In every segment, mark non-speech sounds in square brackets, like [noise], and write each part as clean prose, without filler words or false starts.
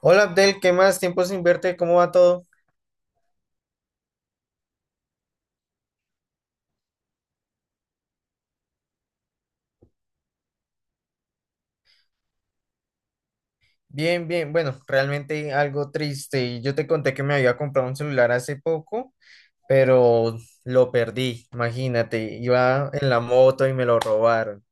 Hola Abdel, ¿qué más? Tiempo sin verte, ¿cómo va todo? Bien, bien, bueno, realmente algo triste. Yo te conté que me había comprado un celular hace poco, pero lo perdí, imagínate, iba en la moto y me lo robaron.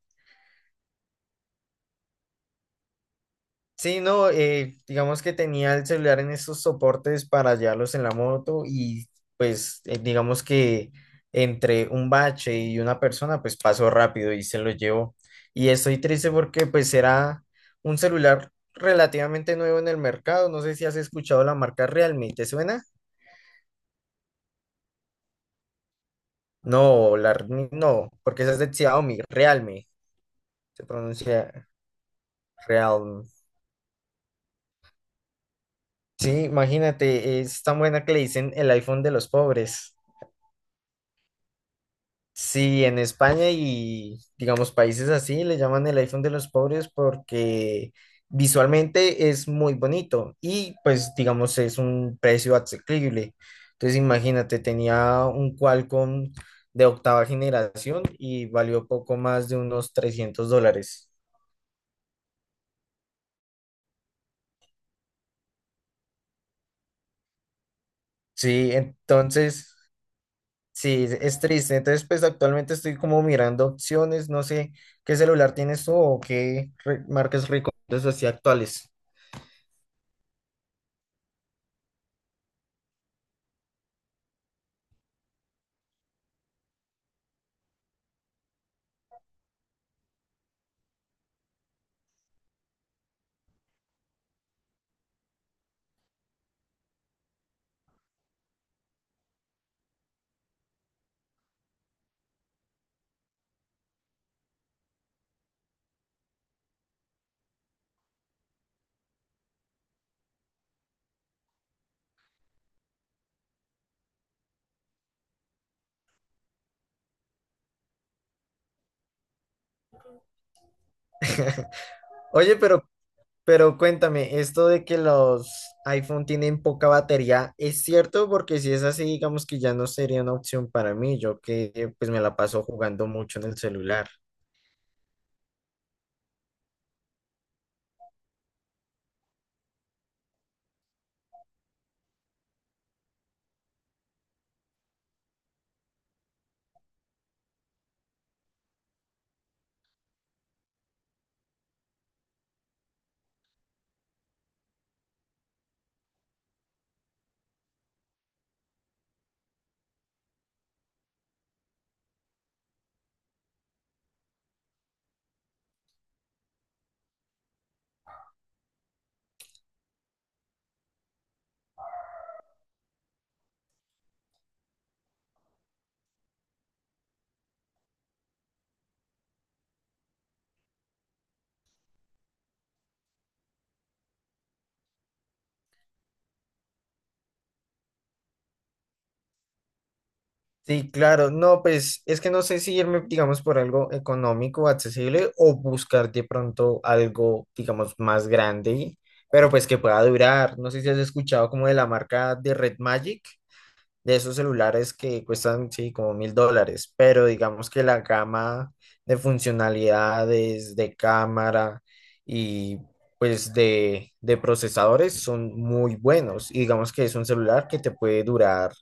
Sí, no, digamos que tenía el celular en esos soportes para llevarlos en la moto y pues digamos que entre un bache y una persona pues pasó rápido y se lo llevó. Y estoy triste porque pues era un celular relativamente nuevo en el mercado. No sé si has escuchado la marca Realme, ¿te suena? No, la, Realme no, porque esa es de Xiaomi, Realme, se pronuncia Realme. Sí, imagínate, es tan buena que le dicen el iPhone de los pobres. Sí, en España y digamos países así le llaman el iPhone de los pobres porque visualmente es muy bonito y pues digamos es un precio asequible. Entonces imagínate, tenía un Qualcomm de octava generación y valió poco más de unos $300. Sí, entonces sí, es triste. Entonces pues actualmente estoy como mirando opciones, no sé qué celular tienes tú o marcas recomiendas así actuales. [laughs] Oye, pero cuéntame, esto de que los iPhone tienen poca batería, ¿es cierto? Porque si es así, digamos que ya no sería una opción para mí, yo que pues me la paso jugando mucho en el celular. Sí, claro, no, pues es que no sé si irme, digamos, por algo económico, accesible, o buscar de pronto algo, digamos, más grande, pero pues que pueda durar. No sé si has escuchado como de la marca de Red Magic. De esos celulares que cuestan, sí, como $1,000, pero digamos que la gama de funcionalidades, de cámara y pues de procesadores son muy buenos. Y digamos que es un celular que te puede durar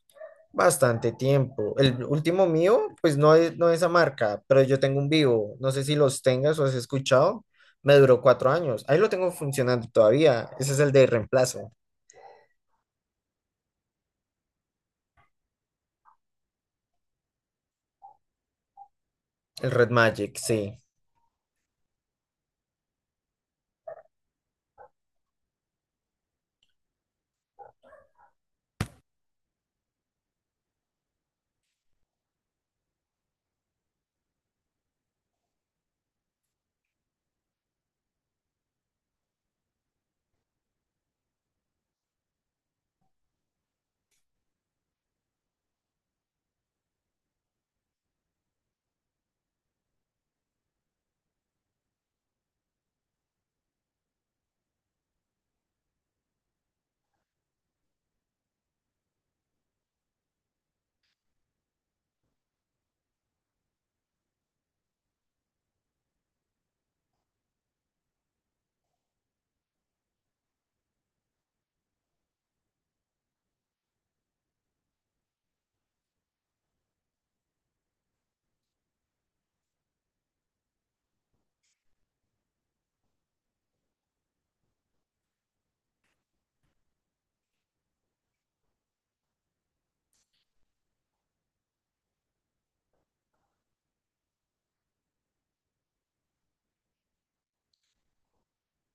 bastante tiempo. El último mío, pues no es esa marca, pero yo tengo un Vivo, no sé si los tengas o has escuchado. Me duró 4 años. Ahí lo tengo funcionando todavía. Ese es el de reemplazo, el Red Magic, sí.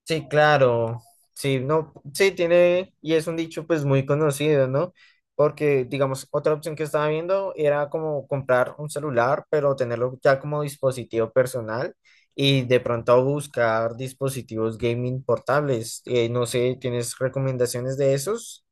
Sí, claro. Sí, no, sí, tiene, y es un dicho pues muy conocido, ¿no? Porque, digamos, otra opción que estaba viendo era como comprar un celular, pero tenerlo ya como dispositivo personal y de pronto buscar dispositivos gaming portables. No sé, ¿tienes recomendaciones de esos?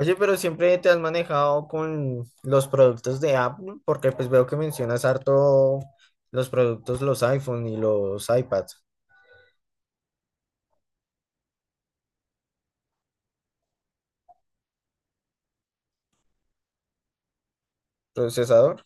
Oye, pero siempre te has manejado con los productos de Apple, porque pues veo que mencionas harto los productos, los iPhone y los iPads, procesador.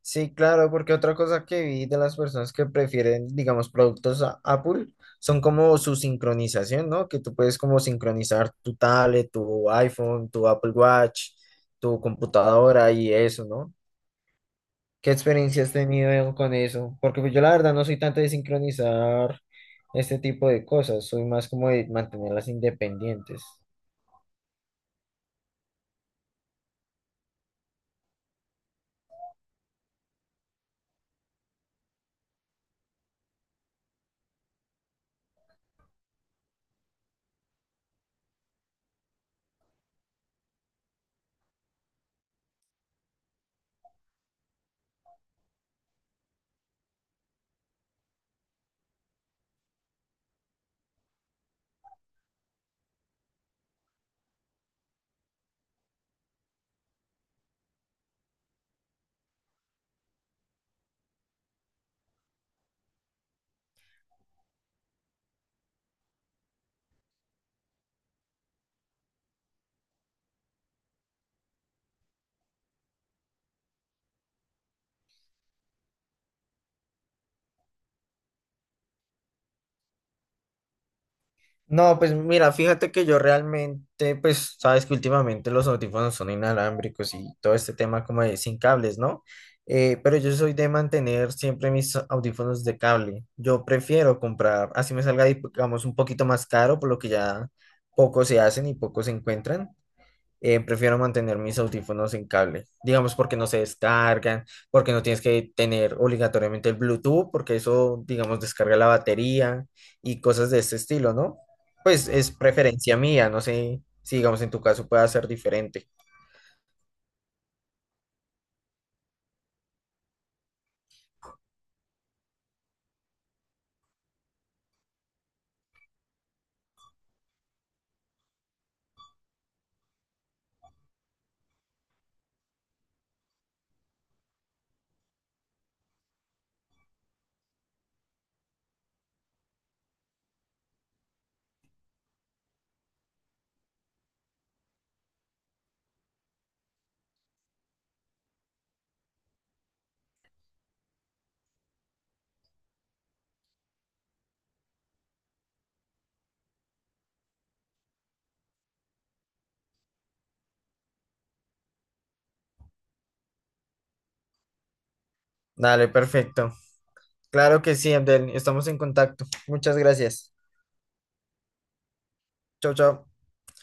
Sí, claro, porque otra cosa que vi de las personas que prefieren, digamos, productos Apple son como su sincronización, ¿no? Que tú puedes como sincronizar tu tablet, tu iPhone, tu Apple Watch, tu computadora y eso, ¿no? ¿Qué experiencia has tenido con eso? Porque pues yo la verdad no soy tanto de sincronizar este tipo de cosas, soy más como de mantenerlas independientes. No, pues mira, fíjate que yo realmente, pues sabes que últimamente los audífonos son inalámbricos y todo este tema como de sin cables, ¿no? Pero yo soy de mantener siempre mis audífonos de cable. Yo prefiero comprar, así me salga, digamos, un poquito más caro, por lo que ya pocos se hacen y pocos se encuentran, prefiero mantener mis audífonos en cable, digamos porque no se descargan, porque no tienes que tener obligatoriamente el Bluetooth, porque eso, digamos, descarga la batería y cosas de este estilo, ¿no? Pues es preferencia mía, no sé si, digamos, en tu caso pueda ser diferente. Dale, perfecto. Claro que sí, Abdel, estamos en contacto. Muchas gracias. Chao, chao.